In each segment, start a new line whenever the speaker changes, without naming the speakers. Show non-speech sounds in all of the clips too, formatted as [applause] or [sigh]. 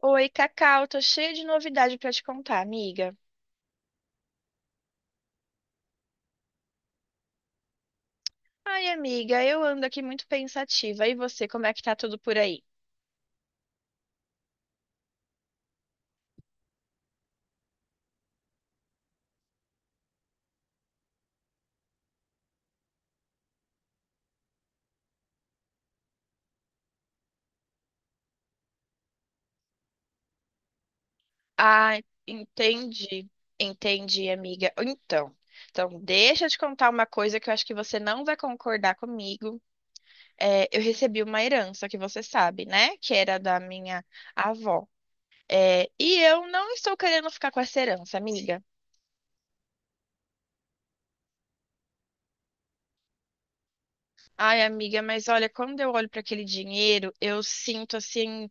Oi, Cacau, tô cheia de novidade pra te contar, amiga. Ai, amiga, eu ando aqui muito pensativa. E você, como é que tá tudo por aí? Ah, entendi. Entendi, amiga. Então, deixa eu te contar uma coisa que eu acho que você não vai concordar comigo. É, eu recebi uma herança que você sabe, né? Que era da minha avó. É, e eu não estou querendo ficar com essa herança, amiga. Ai, amiga, mas olha, quando eu olho para aquele dinheiro, eu sinto assim.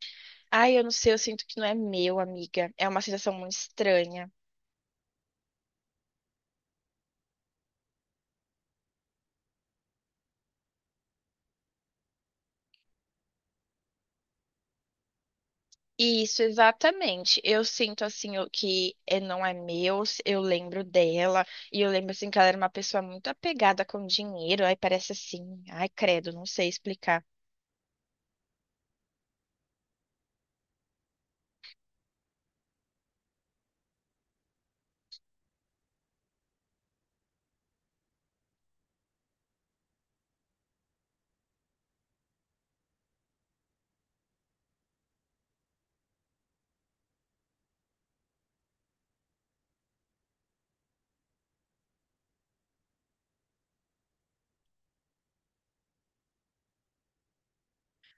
Ai, eu não sei, eu sinto que não é meu, amiga. É uma sensação muito estranha. Isso, exatamente. Eu sinto assim o que é, não é meu, eu lembro dela, e eu lembro assim que ela era uma pessoa muito apegada com dinheiro, aí parece assim, ai credo, não sei explicar.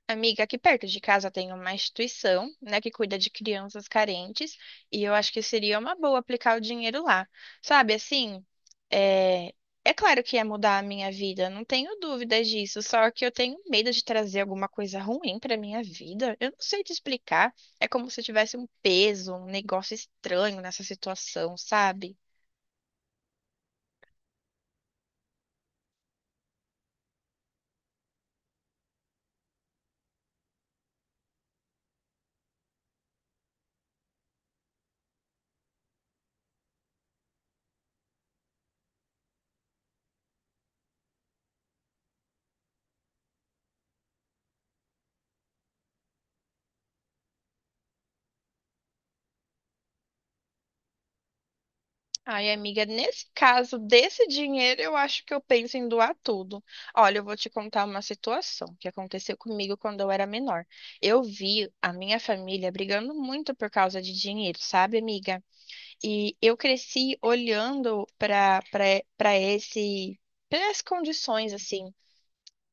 Amiga, aqui perto de casa tem uma instituição, né, que cuida de crianças carentes, e eu acho que seria uma boa aplicar o dinheiro lá. Sabe, assim, é, é claro que ia mudar a minha vida, não tenho dúvidas disso, só que eu tenho medo de trazer alguma coisa ruim para minha vida. Eu não sei te explicar, é como se eu tivesse um peso, um negócio estranho nessa situação, sabe? Ai, amiga, nesse caso desse dinheiro, eu acho que eu penso em doar tudo. Olha, eu vou te contar uma situação que aconteceu comigo quando eu era menor. Eu vi a minha família brigando muito por causa de dinheiro, sabe, amiga? E eu cresci olhando para esse para as condições assim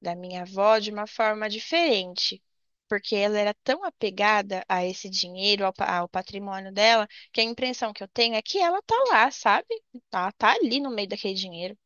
da minha avó de uma forma diferente, porque ela era tão apegada a esse dinheiro, ao patrimônio dela, que a impressão que eu tenho é que ela tá lá, sabe? Ela tá ali no meio daquele dinheiro.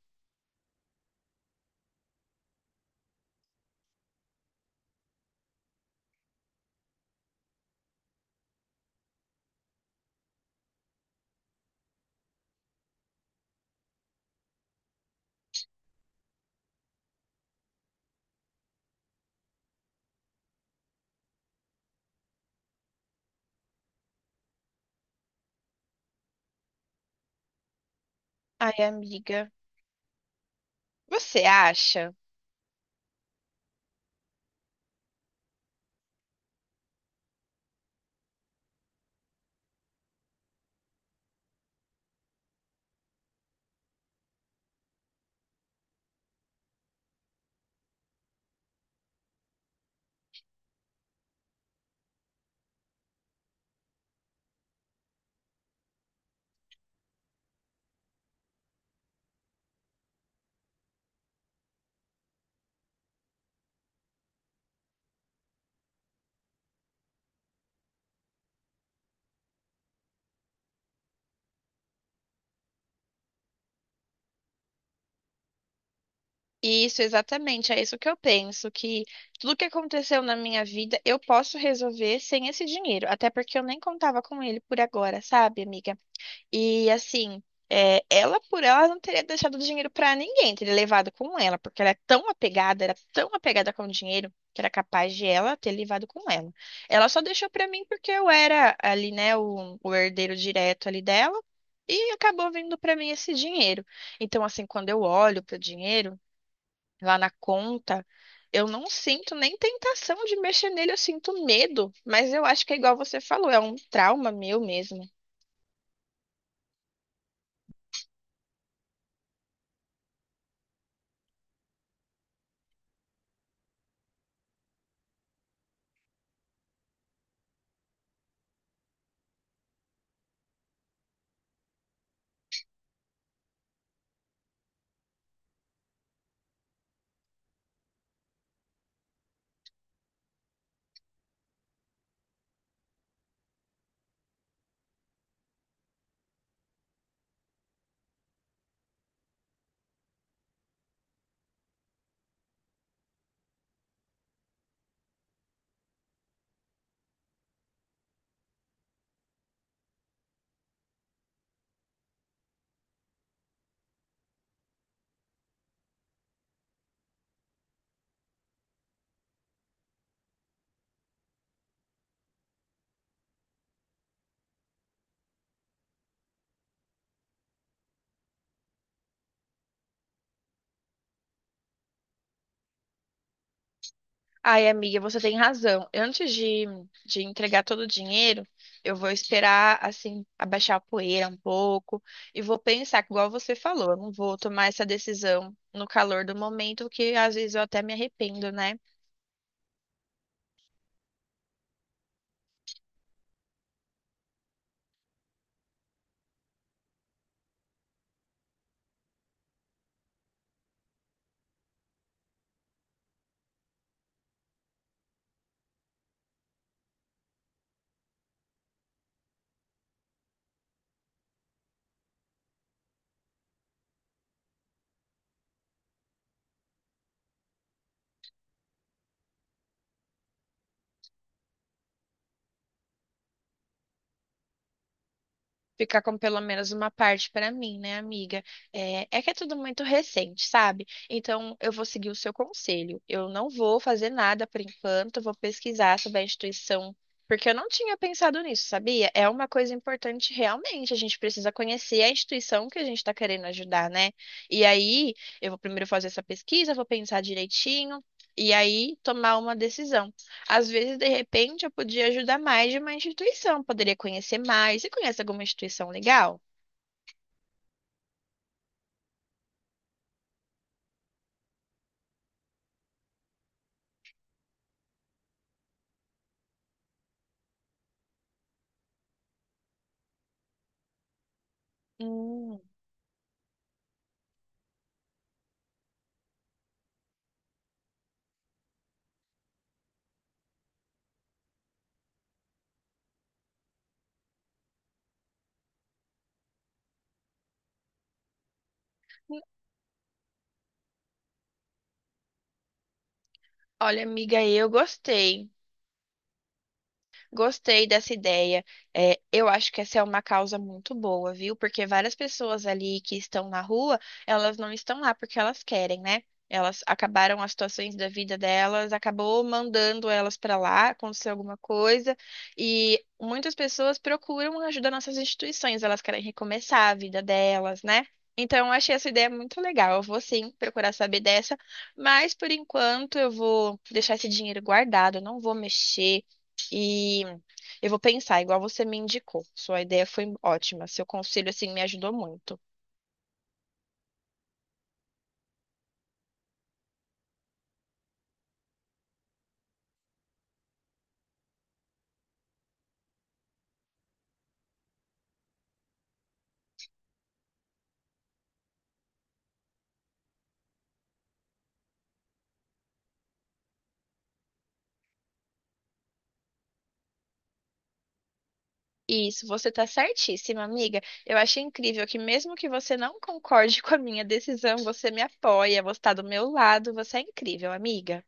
Ai, amiga, você acha? Isso, exatamente, é isso que eu penso, que tudo que aconteceu na minha vida eu posso resolver sem esse dinheiro, até porque eu nem contava com ele por agora, sabe, amiga? E assim, é, ela por ela não teria deixado dinheiro pra ninguém, teria levado com ela, porque ela é tão apegada, era tão apegada com o dinheiro, que era capaz de ela ter levado com ela. Ela só deixou pra mim porque eu era ali, né, o herdeiro direto ali dela, e acabou vindo pra mim esse dinheiro. Então, assim, quando eu olho pro dinheiro lá na conta, eu não sinto nem tentação de mexer nele, eu sinto medo, mas eu acho que é igual você falou, é um trauma meu mesmo. Ai, amiga, você tem razão. Antes de entregar todo o dinheiro, eu vou esperar, assim, abaixar a poeira um pouco e vou pensar, igual você falou, eu não vou tomar essa decisão no calor do momento, que às vezes eu até me arrependo, né? Ficar com pelo menos uma parte para mim, né, amiga? É, é que é tudo muito recente, sabe? Então, eu vou seguir o seu conselho. Eu não vou fazer nada por enquanto, vou pesquisar sobre a instituição, porque eu não tinha pensado nisso, sabia? É uma coisa importante realmente. A gente precisa conhecer a instituição que a gente está querendo ajudar, né? E aí, eu vou primeiro fazer essa pesquisa, vou pensar direitinho. E aí, tomar uma decisão. Às vezes, de repente, eu podia ajudar mais de uma instituição, poderia conhecer mais. Você conhece alguma instituição legal? Hum, olha, amiga, eu gostei. Gostei dessa ideia. É, eu acho que essa é uma causa muito boa, viu? Porque várias pessoas ali que estão na rua, elas não estão lá porque elas querem, né? Elas acabaram as situações da vida delas, acabou mandando elas para lá, aconteceu alguma coisa, e muitas pessoas procuram ajuda nossas instituições, elas querem recomeçar a vida delas, né? Então, eu achei essa ideia muito legal. Eu vou sim procurar saber dessa, mas por enquanto eu vou deixar esse dinheiro guardado, eu não vou mexer. E eu vou pensar, igual você me indicou. Sua ideia foi ótima. Seu conselho, assim, me ajudou muito. Isso, você tá certíssima, amiga. Eu achei incrível que mesmo que você não concorde [laughs] com a minha decisão, você me apoia, você tá do meu lado, você é incrível, amiga.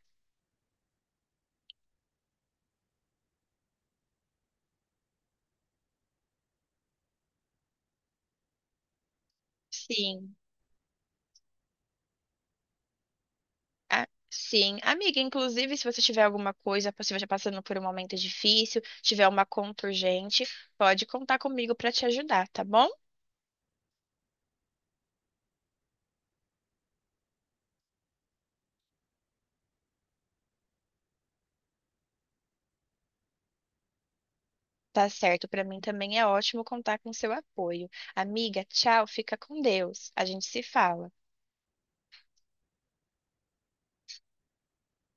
Sim. A- sim, amiga, inclusive, se você tiver alguma coisa, se você estiver passando por um momento difícil, tiver uma conta urgente, pode contar comigo para te ajudar, tá bom? Tá certo, pra mim também é ótimo contar com seu apoio. Amiga, tchau, fica com Deus. A gente se fala.